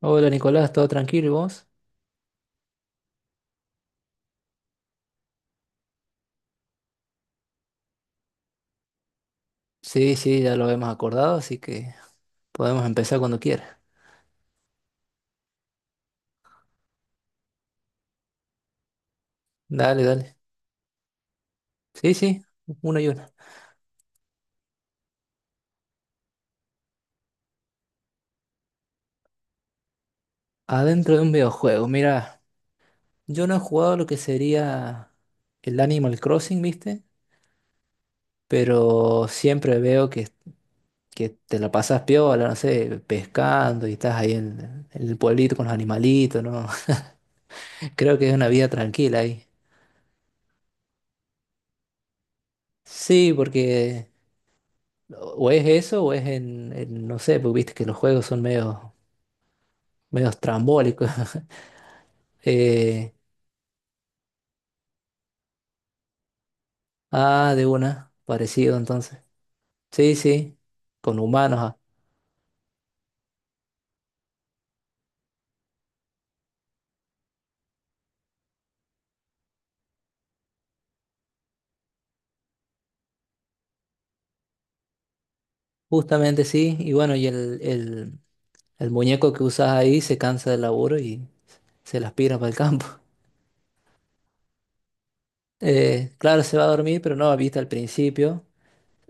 Hola Nicolás, ¿todo tranquilo y vos? Sí, sí, ya lo hemos acordado, así que podemos empezar cuando quieras. Dale, dale. Sí, sí, uno y una. Adentro de un videojuego, mira, yo no he jugado lo que sería el Animal Crossing, ¿viste? Pero siempre veo que te la pasas piola, no sé, pescando y estás ahí en el pueblito con los animalitos, ¿no? Creo que es una vida tranquila ahí. Sí, porque o es eso o es no sé, porque viste que los juegos son medio estrambólico. Eh, ah, de una, parecido entonces. Sí, sí, con humanos. Ah. Justamente sí. Y bueno, el muñeco que usas ahí se cansa del laburo y se las pira para el campo. Claro, se va a dormir, pero no, viste, al principio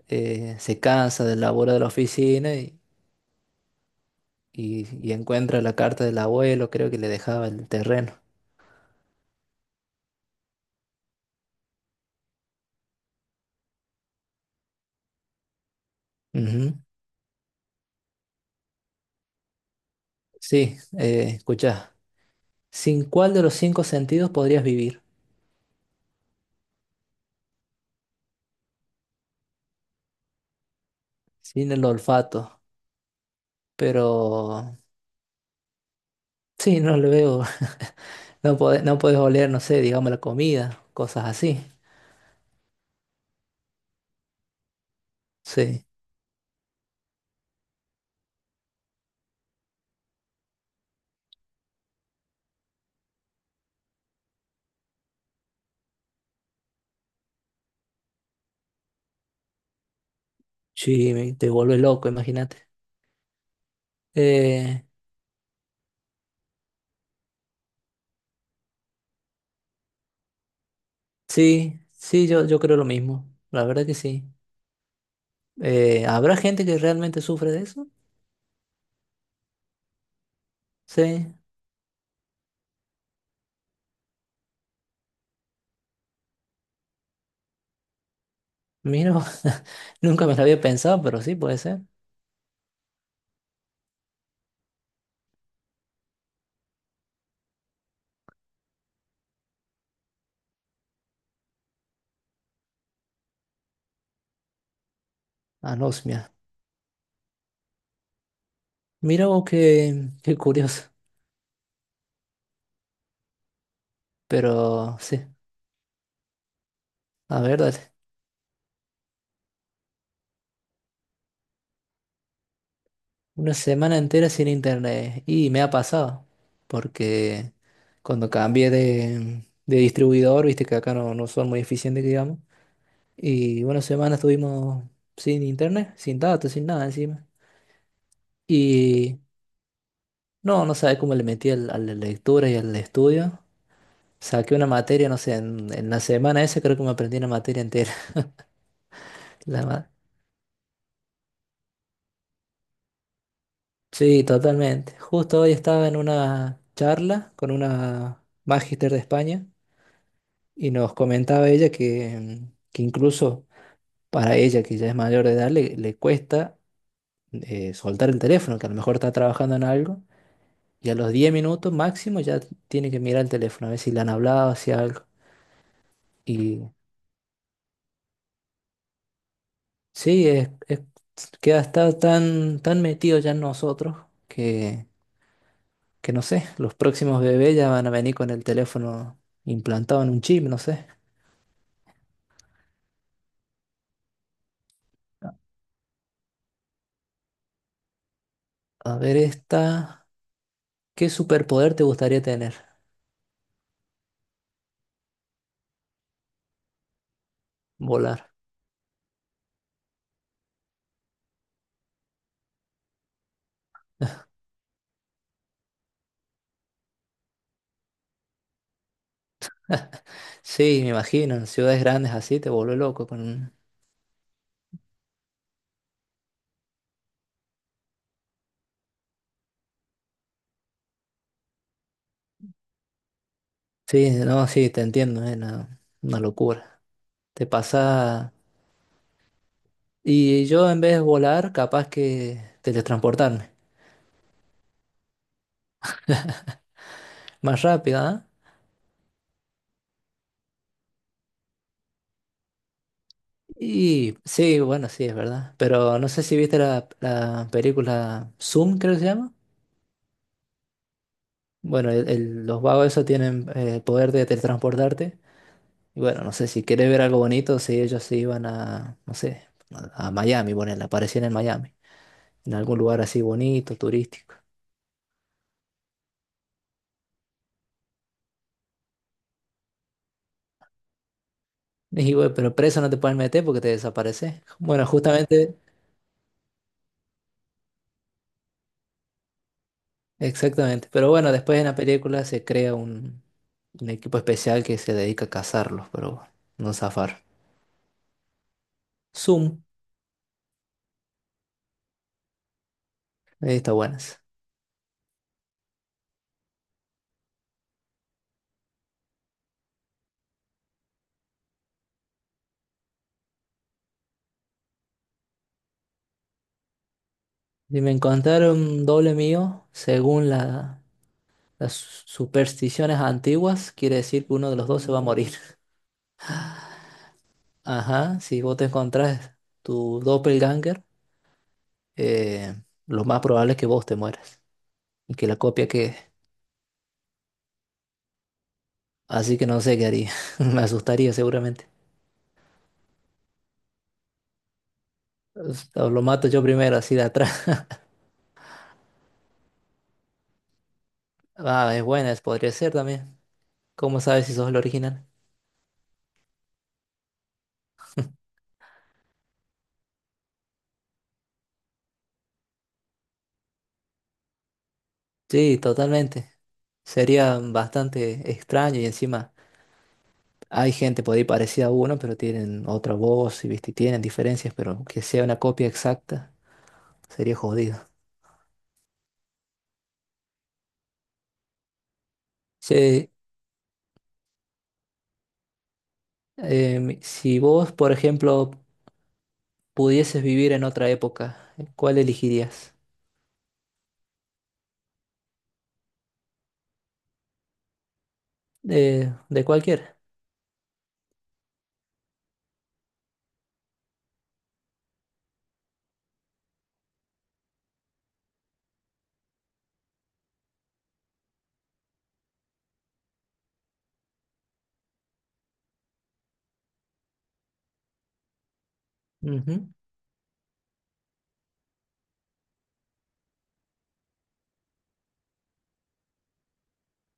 se cansa del laburo de la oficina y, y encuentra la carta del abuelo, creo que le dejaba el terreno. Ujú. Sí, escuchá. ¿Sin cuál de los cinco sentidos podrías vivir? Sin el olfato, pero sí, no le veo, no puedes, no puedes oler, no sé, digamos la comida, cosas así, sí, sí, te vuelve loco, imagínate. Eh, sí, sí, yo creo lo mismo, la verdad que sí. ¿Habrá gente que realmente sufre de eso? Sí, mira, nunca me lo había pensado, pero sí puede ser, anosmia. Mira vos qué curioso, pero sí, a ver, dale. Una semana entera sin internet. Y me ha pasado, porque cuando cambié de distribuidor, viste que acá no, no son muy eficientes, que digamos. Y una semana estuvimos sin internet, sin datos, sin nada encima. Y no, no sabes cómo le metí a la lectura y al estudio. Saqué una materia, no sé, en la semana esa creo que me aprendí una materia entera. La ma- sí, totalmente. Justo hoy estaba en una charla con una magister de España. Y nos comentaba ella que incluso para ella, que ya es mayor de edad, le cuesta soltar el teléfono, que a lo mejor está trabajando en algo, y a los 10 minutos máximo ya tiene que mirar el teléfono, a ver si le han hablado, si algo. Y sí, queda está tan metido ya en nosotros que, que no sé, los próximos bebés ya van a venir con el teléfono implantado en un chip, no sé. A ver esta, ¿qué superpoder te gustaría tener? Volar. Sí, me imagino, en ciudades grandes así te vuelve loco con... Sí, no, sí, te entiendo, es una locura. Te pasa... Y yo en vez de volar, capaz que teletransportarme. Más rápido, ¿ah? Y sí, bueno, sí, es verdad. Pero no sé si viste la película Zoom, creo que se llama. Bueno, los vagos esos tienen el poder de teletransportarte. Y bueno, no sé si querés ver algo bonito, si ellos se iban a, no sé, a Miami, bueno, aparecían en Miami, en algún lugar así bonito, turístico. Y dije, "Güey, pero preso no te pueden meter porque te desapareces". Bueno, justamente, exactamente. Pero bueno, después en la película se crea un equipo especial que se dedica a cazarlos, pero bueno, no zafar. Zoom, ahí está buenas. Y me encontraron doble mío, según las supersticiones antiguas, quiere decir que uno de los dos se va a morir. Ajá, si vos te encontrás tu doppelganger, eh, lo más probable es que vos te mueras y que la copia quede. Así que no sé qué haría. Me asustaría seguramente. Pues, o lo mato yo primero, así de atrás. Ah, es buena, podría ser también. ¿Cómo sabes si sos el original? Sí, totalmente. Sería bastante extraño y encima hay gente por ahí parecida a uno, pero tienen otra voz y viste, tienen diferencias, pero que sea una copia exacta sería jodido. Sí, em, si vos, por ejemplo, pudieses vivir en otra época, ¿cuál elegirías? De cualquier. Ujú.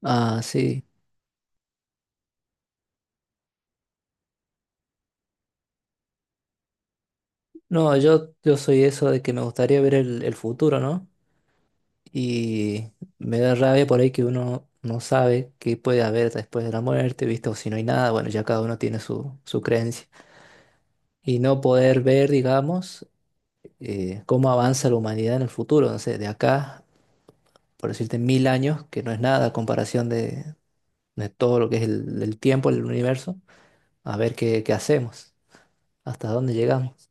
Ah, sí. No, yo soy eso de que me gustaría ver el futuro, ¿no? Y me da rabia por ahí que uno no sabe qué puede haber después de la muerte, ¿viste? O si no hay nada, bueno, ya cada uno tiene su, su creencia. Y no poder ver, digamos, cómo avanza la humanidad en el futuro, no sé, de acá, por decirte, mil años, que no es nada a comparación de todo lo que es el tiempo, el universo, a ver qué hacemos, hasta dónde llegamos.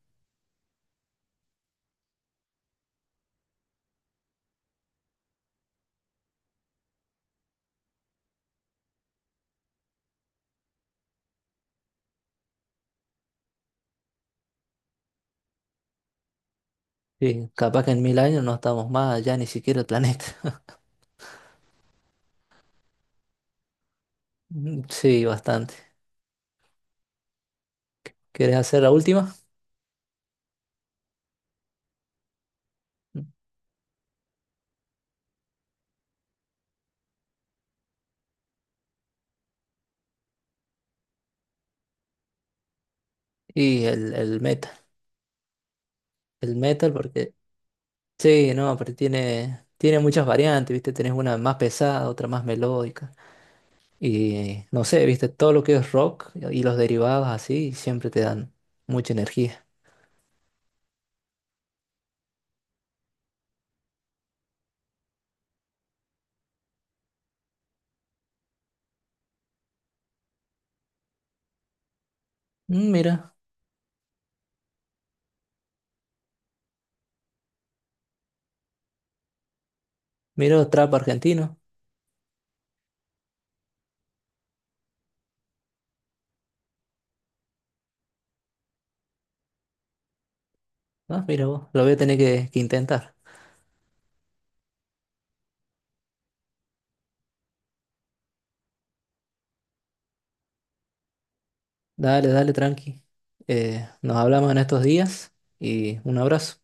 Sí, capaz que en mil años no estamos más allá ni siquiera el planeta. Mm, sí, bastante. ¿Quieres hacer la última? Y el metal. El metal porque... Sí, no, pero tiene, tiene muchas variantes, ¿viste? Tenés una más pesada, otra más melódica. Y no sé, ¿viste? Todo lo que es rock y los derivados así siempre te dan mucha energía. Mm, mira, mira trap argentino. Ah, mira vos, lo voy a tener que intentar. Dale, dale, tranqui. Nos hablamos en estos días y un abrazo.